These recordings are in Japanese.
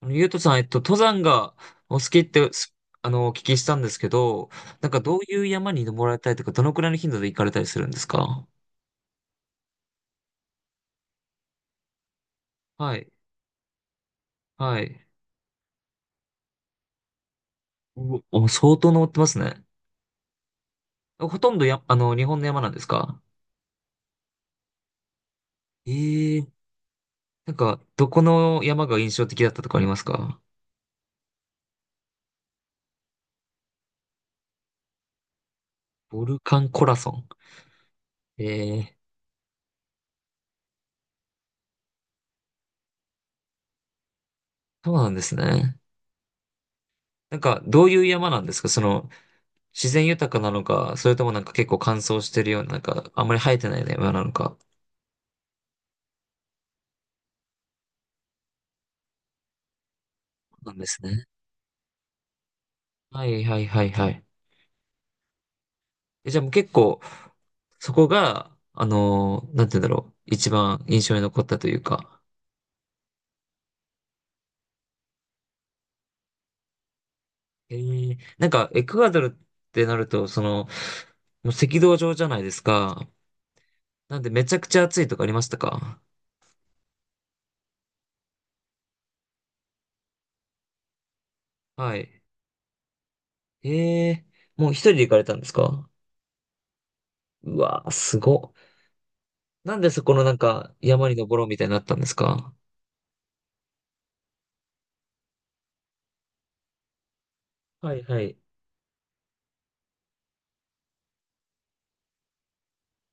ゆうとさん、登山がお好きって、お聞きしたんですけど、なんかどういう山に登られたりとか、どのくらいの頻度で行かれたりするんですか？はい、はい。お相当登ってますね。ほとんど日本の山なんですか？ええ。なんか、どこの山が印象的だったとかありますか？ボルカンコラソン。ええ。そうなんですね。なんか、どういう山なんですか？自然豊かなのか、それともなんか結構乾燥してるような、なんか、あんまり生えてないような山なのか。そうなんですね。はいはいはいはい。え、じゃあもう結構、そこが、なんて言うんだろう。一番印象に残ったというか。なんか、エクアドルってなると、その、もう赤道上じゃないですか。なんでめちゃくちゃ暑いとかありましたか？はい。えもう一人で行かれたんですか？うわー、すごっ。なんでそこのなんか、山に登ろうみたいになったんですか？はいはい。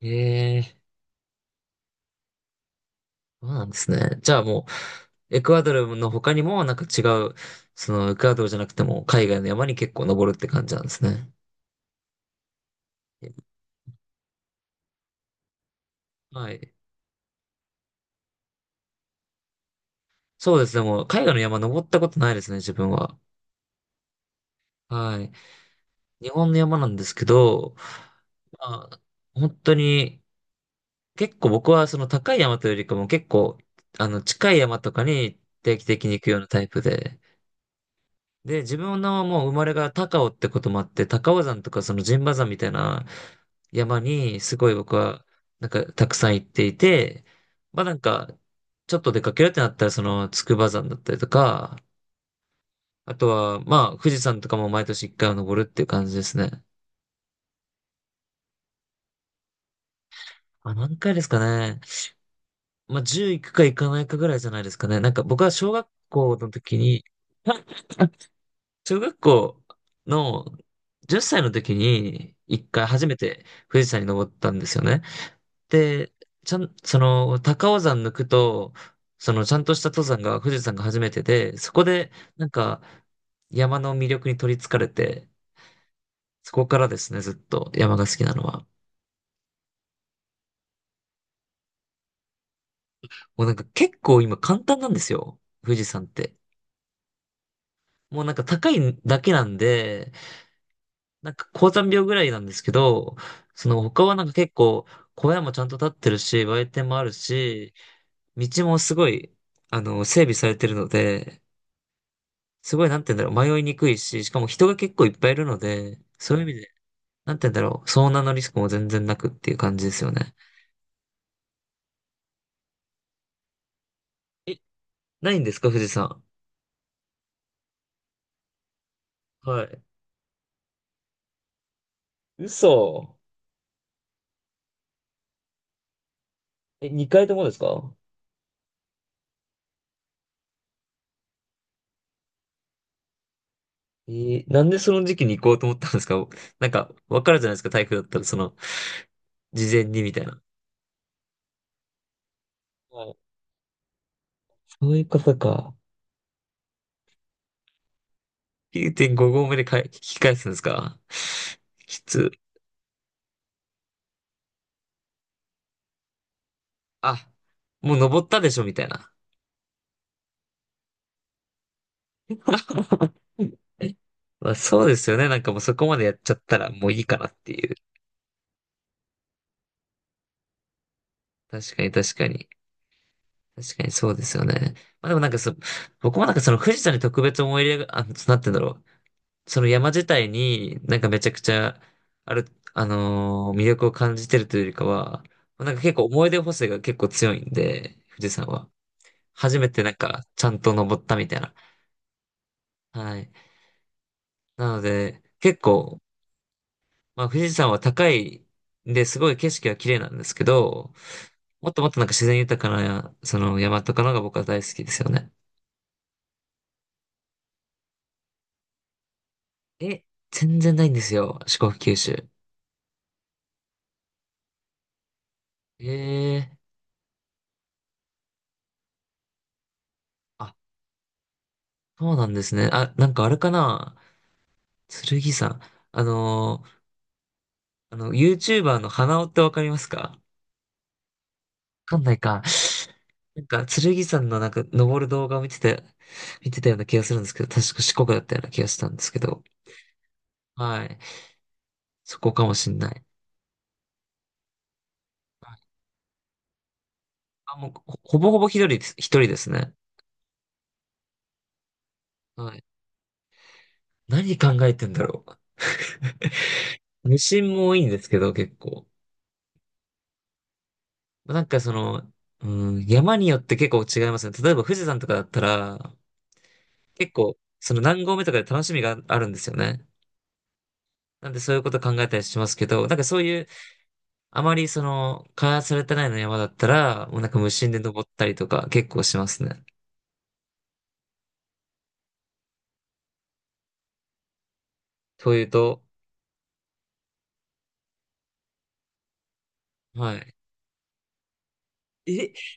えーそうなんですね。じゃあもう、エクアドルの他にもなんか違う、そのエクアドルじゃなくても海外の山に結構登るって感じなんですね。はい。そうですね。もう海外の山登ったことないですね、自分は。はい。日本の山なんですけど、まあ、本当に、結構僕はその高い山というよりかも結構、近い山とかに定期的に行くようなタイプで、で、自分のもう生まれが高尾ってこともあって、高尾山とかその陣馬山みたいな山にすごい僕はなんかたくさん行っていて、まあなんかちょっと出かけるってなったらその筑波山だったりとか、あとはまあ富士山とかも毎年一回は登るっていう感じですね。あ、何回ですかね。まあ10行くか行かないかぐらいじゃないですかね。なんか僕は小学校の時に、あ、小学校の10歳の時に一回初めて富士山に登ったんですよね。で、ちゃん、その、高尾山抜くと、その、ちゃんとした登山が富士山が初めてで、そこで、なんか、山の魅力に取り憑かれて、そこからですね、ずっと山が好きなのは。もうなんか結構今簡単なんですよ、富士山って。もうなんか高いだけなんで、なんか高山病ぐらいなんですけど、その他はなんか結構小屋もちゃんと建ってるし、売店もあるし、道もすごい、整備されてるので、すごい、なんて言うんだろう、迷いにくいし、しかも人が結構いっぱいいるので、そういう意味で、なんて言うんだろう、遭難のリスクも全然なくっていう感じですよね。え、ないんですか、富士山？はい。嘘。え、2回ともですか？なんでその時期に行こうと思ったんですか？なんか、わかるじゃないですか、台風だったら、その、事前にみたいな。はい。そういうことか。9.5合目でかえ、引き返すんですか？きつ。あ、もう登ったでしょ、みたいな。まあそうですよね。なんかもうそこまでやっちゃったらもういいかなっていう。確かに確かに。確かにそうですよね。まあでもなんか僕もなんかその富士山に特別思い入れが、あ、なんて言うんだろう。その山自体になんかめちゃくちゃ、ある、魅力を感じてるというよりかは、なんか結構思い出補正が結構強いんで、富士山は。初めてなんかちゃんと登ったみたいな。はい。なので、結構まあ、富士山は高いんで、すごい景色は綺麗なんですけど、もっともっとなんか自然豊かな、その山とかのが僕は大好きですよね。え、全然ないんですよ、四国九州。ええ。あ、そうなんですね。あ、なんかあれかな、剣山。あのーYouTuber の花尾ってわかりますか？わかんないか。なんか、剣山のなんか、登る動画を見てて、見てたような気がするんですけど、確か四国だったような気がしたんですけど。はい。そこかもしんない。あ、もう、ほぼほぼ一人です、一人ですね。はい。何考えてんだろう。無心も多いんですけど、結構。なんかその、うん、山によって結構違いますね。例えば富士山とかだったら、結構、その何合目とかで楽しみがあるんですよね。なんでそういうこと考えたりしますけど、なんかそういう、あまりその、開発されてないの山だったら、もうなんか無心で登ったりとか結構しますね。というと、はい。え、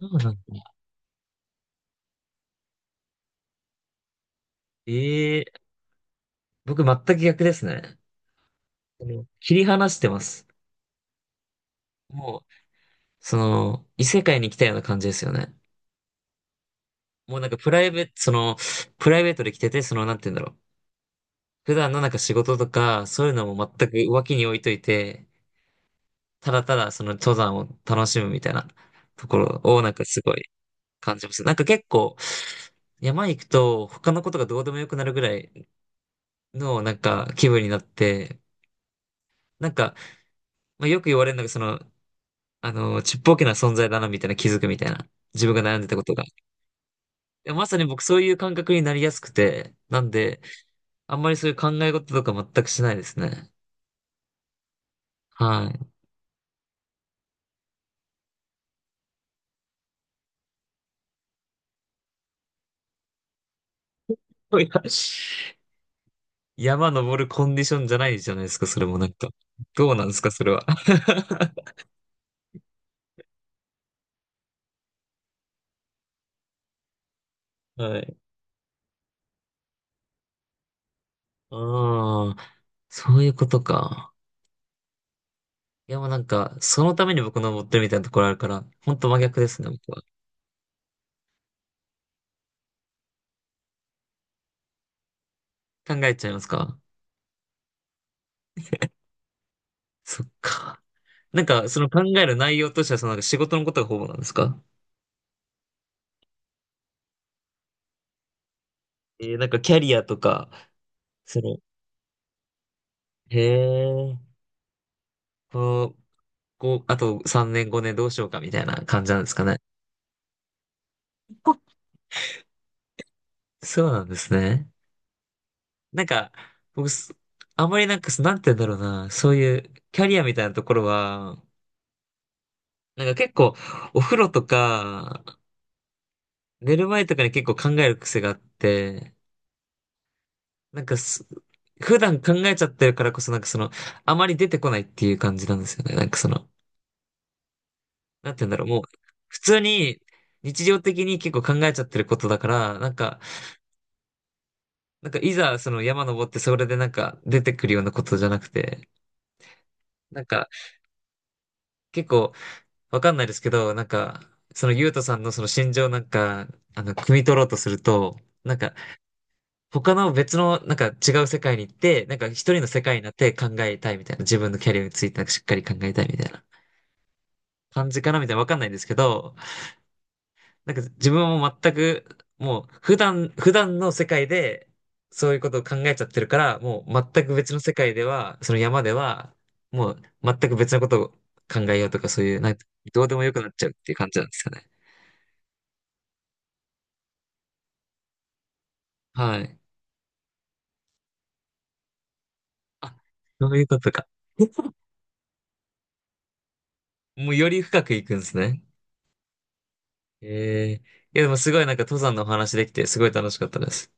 そうなんだ。ええ。僕全く逆ですね。切り離してます。もう、その、異世界に来たような感じですよね。もうなんかプライベートで来てて、その、なんて言うんだろう。普段のなんか仕事とか、そういうのも全く脇に置いといて、ただただその登山を楽しむみたいなところをなんかすごい感じます。なんか結構山行くと他のことがどうでもよくなるぐらいのなんか気分になって、なんか、まあ、よく言われるのがその、ちっぽけな存在だなみたいな気づくみたいな。自分が悩んでたことが。や、まさに僕そういう感覚になりやすくて、なんで、あんまりそういう考え事とか全くしないですね。はい。いや山登るコンディションじゃないじゃないですか、それもなんか。どうなんですか、それは。はい。ああ、そういうことか。いや、もうなんか、そのために僕登ってるみたいなところあるから、ほんと真逆ですね、僕は。考えちゃいますか？そっか。なんか、その考える内容としては、そのなんか仕事のことがほぼなんですか？なんかキャリアとか、その、へえ。こうこう、あと3年5年どうしようかみたいな感じなんですかね。こそうなんですね。なんか、僕、あんまりなんか、なんて言うんだろうな、そういうキャリアみたいなところは、なんか結構、お風呂とか、寝る前とかに結構考える癖があって、なんか、普段考えちゃってるからこそなんかその、あまり出てこないっていう感じなんですよね。なんかその、なんて言うんだろう、もう、普通に、日常的に結構考えちゃってることだから、なんか、なんかいざその山登ってそれでなんか出てくるようなことじゃなくて、なんか結構わかんないですけど、なんかそのゆうとさんのその心情なんか、汲み取ろうとすると、なんか他の別のなんか違う世界に行って、なんか一人の世界になって考えたいみたいな、自分のキャリアについてなんかしっかり考えたいみたいな感じかなみたいなわかんないんですけど、なんか自分はもう全く、もう普段の世界でそういうことを考えちゃってるから、もう全く別の世界では、その山では、もう全く別のことを考えようとかそういう、なんかどうでもよくなっちゃうっていう感じなんですよね。はい。あ、そういうことか。もうより深くいくんですね。ええ。いやでもすごいなんか登山のお話できてすごい楽しかったです。